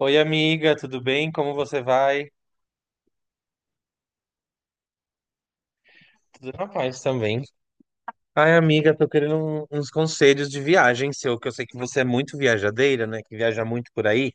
Oi, amiga, tudo bem? Como você vai? Tudo na paz também. Ai, amiga, tô querendo uns conselhos de viagem seu, que eu sei que você é muito viajadeira, né? Que viaja muito por aí,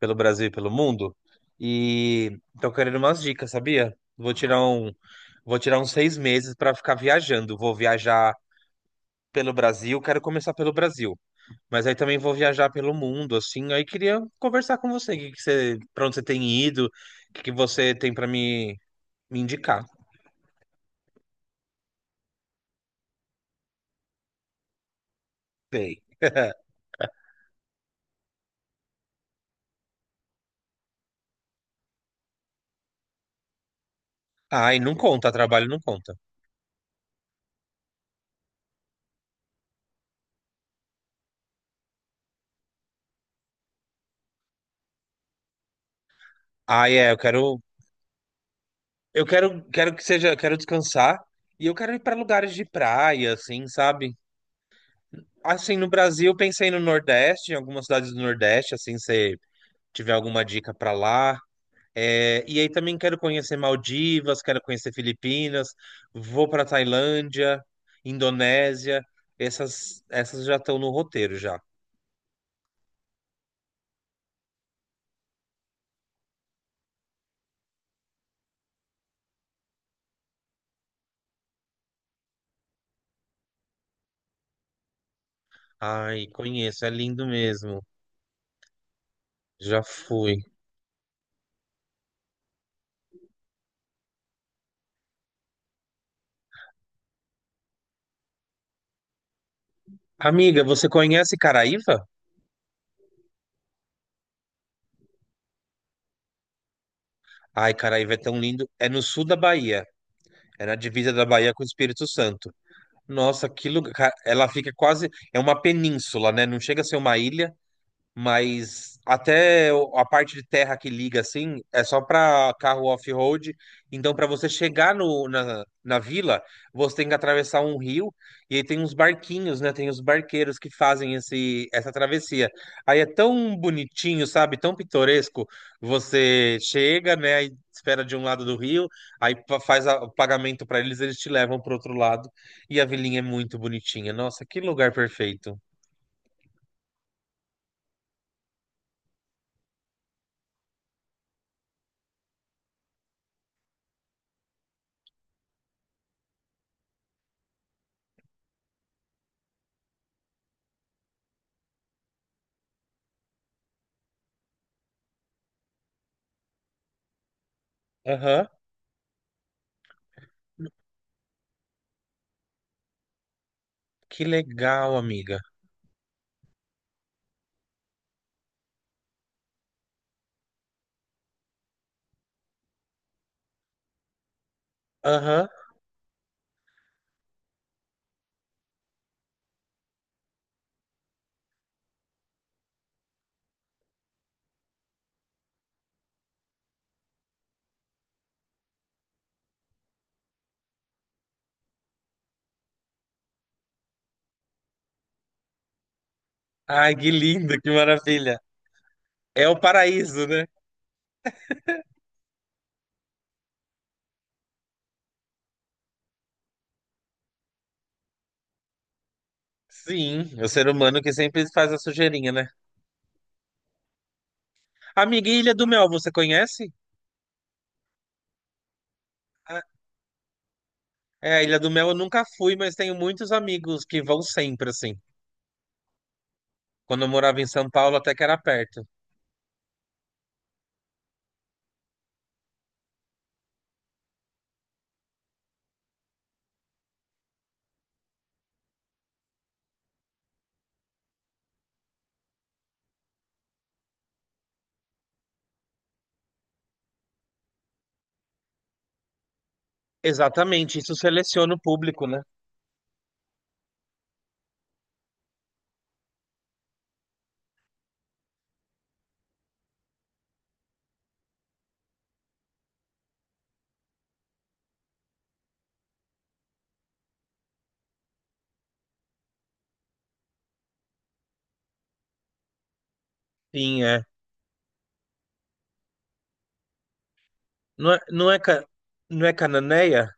pelo Brasil e pelo mundo. E tô querendo umas dicas, sabia? Vou tirar um, vou tirar uns 6 meses pra ficar viajando. Vou viajar pelo Brasil, quero começar pelo Brasil, mas aí também vou viajar pelo mundo, assim. Aí queria conversar com você, para onde você tem ido, o que que você tem me indicar. Ai, não conta, trabalho não conta. Ai, é, quero que seja, quero descansar e eu quero ir para lugares de praia, assim, sabe? Assim, no Brasil, pensei no Nordeste, em algumas cidades do Nordeste, assim, se tiver alguma dica para lá. É, e aí também quero conhecer Maldivas, quero conhecer Filipinas, vou para Tailândia, Indonésia, essas já estão no roteiro já. Ai, conheço, é lindo mesmo. Já fui. Amiga, você conhece Caraíva? Ai, Caraíva é tão lindo. É no sul da Bahia. É na divisa da Bahia com o Espírito Santo. Nossa, que lugar. Ela fica quase. É uma península, né? Não chega a ser uma ilha, mas até a parte de terra que liga assim é só para carro off-road. Então, para você chegar no, na, na vila, você tem que atravessar um rio e aí tem uns barquinhos, né? Tem os barqueiros que fazem essa travessia. Aí é tão bonitinho, sabe? Tão pitoresco. Você chega, né? Aí espera de um lado do rio, aí pa- faz a- o pagamento para eles, eles te levam para outro lado. E a vilinha é muito bonitinha. Nossa, que lugar perfeito. Aham. Que legal, amiga. Aham. Ai, que lindo, que maravilha. É o paraíso, né? Sim, o ser humano que sempre faz a sujeirinha, né? Amiga, e Ilha do Mel, você conhece? Ah, é, Ilha do Mel eu nunca fui, mas tenho muitos amigos que vão sempre, assim. Quando eu morava em São Paulo, até que era perto. Exatamente, isso seleciona o público, né? Sim, é. Não é, não é, ca- não é Cananéia?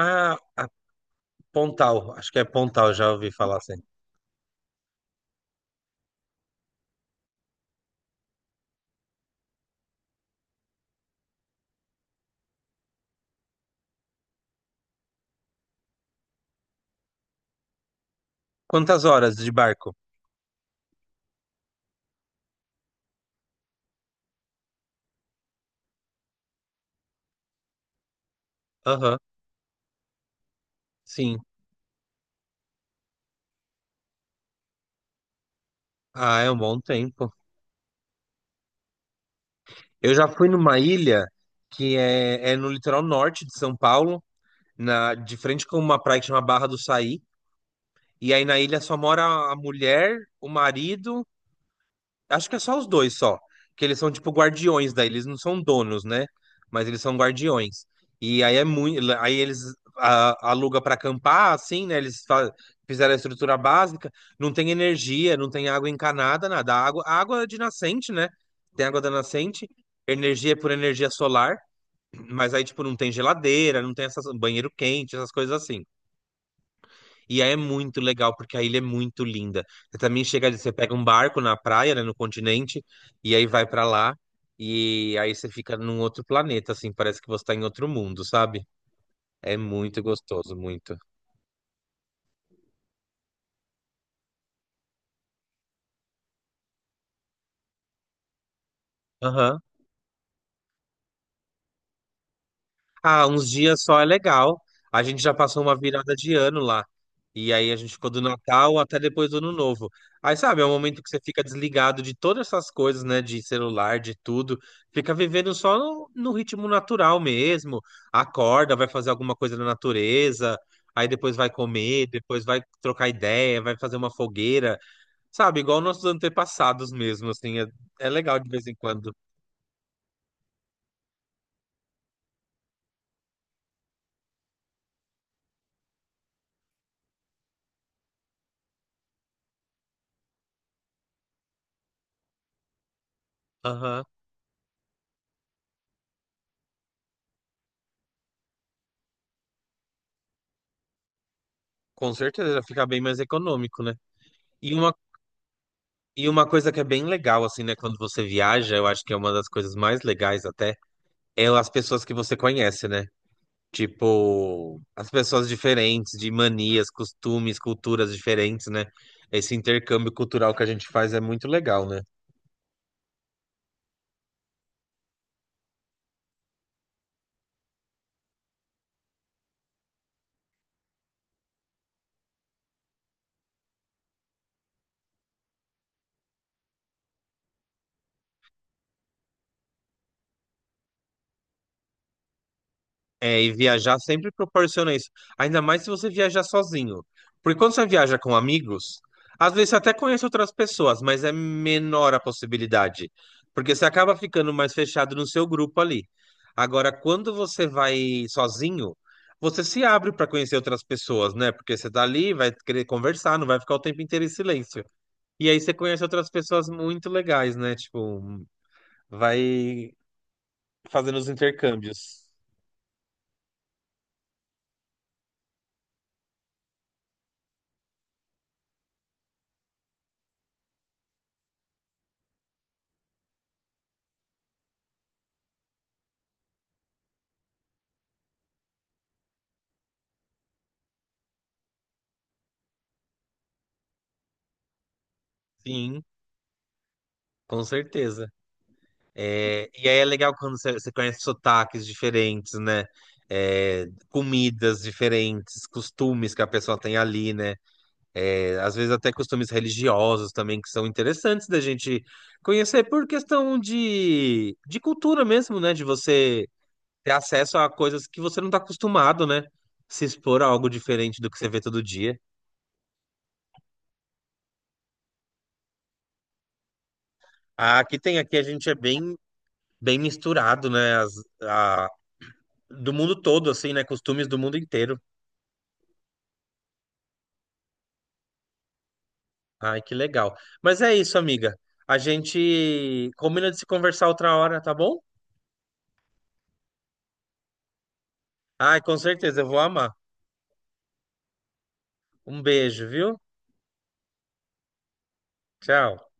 Ah, a Pontal, acho que é Pontal, já ouvi falar assim. Quantas horas de barco? Aham, sim. Ah, é um bom tempo. Eu já fui numa ilha é no litoral norte de São Paulo, de frente com uma praia que chama Barra do Saí. E aí na ilha só mora a mulher, o marido, acho que é só os dois só, que eles são tipo guardiões da ilha, eles não são donos, né? Mas eles são guardiões. E aí é muito, aí eles a, aluga para acampar, assim, né? Fizeram a estrutura básica, não tem energia, não tem água encanada, nada. A água é de nascente, né? Tem água da nascente, energia é por energia solar, mas aí tipo não tem geladeira, não tem essas banheiro quente, essas coisas assim. E aí é muito legal, porque a ilha é muito linda. Você também chega, você pega um barco na praia, né, no continente, e aí vai pra lá, e aí você fica num outro planeta, assim, parece que você tá em outro mundo, sabe? É muito gostoso, muito. Aham. Ah, uns dias só é legal. A gente já passou uma virada de ano lá. E aí a gente ficou do Natal até depois do Ano Novo. Aí, sabe, é um momento que você fica desligado de todas essas coisas, né? De celular, de tudo. Fica vivendo só no ritmo natural mesmo. Acorda, vai fazer alguma coisa na natureza. Aí depois vai comer, depois vai trocar ideia, vai fazer uma fogueira. Sabe, igual nossos antepassados mesmo, assim. É, é legal de vez em quando. Aham. Com certeza, fica bem mais econômico, né? E uma E uma coisa que é bem legal, assim, né? Quando você viaja, eu acho que é uma das coisas mais legais até, é as pessoas que você conhece, né? Tipo, as pessoas diferentes, de manias, costumes, culturas diferentes, né? Esse intercâmbio cultural que a gente faz é muito legal, né? É, e viajar sempre proporciona isso. Ainda mais se você viajar sozinho. Porque quando você viaja com amigos, às vezes você até conhece outras pessoas, mas é menor a possibilidade. Porque você acaba ficando mais fechado no seu grupo ali. Agora, quando você vai sozinho, você se abre para conhecer outras pessoas, né? Porque você tá ali, vai querer conversar, não vai ficar o tempo inteiro em silêncio. E aí você conhece outras pessoas muito legais, né? Tipo, vai fazendo os intercâmbios. Sim, com certeza. É, e aí é legal quando você conhece sotaques diferentes, né? É, comidas diferentes, costumes que a pessoa tem ali, né? É, às vezes até costumes religiosos também que são interessantes da gente conhecer por questão de cultura mesmo, né? De você ter acesso a coisas que você não está acostumado, né? Se expor a algo diferente do que você vê todo dia. Ah, aqui tem, aqui a gente é bem misturado, né? A- do mundo todo, assim, né? Costumes do mundo inteiro. Ai, que legal. Mas é isso, amiga. A gente combina de se conversar outra hora, tá bom? Ai, com certeza, eu vou amar. Um beijo, viu? Tchau.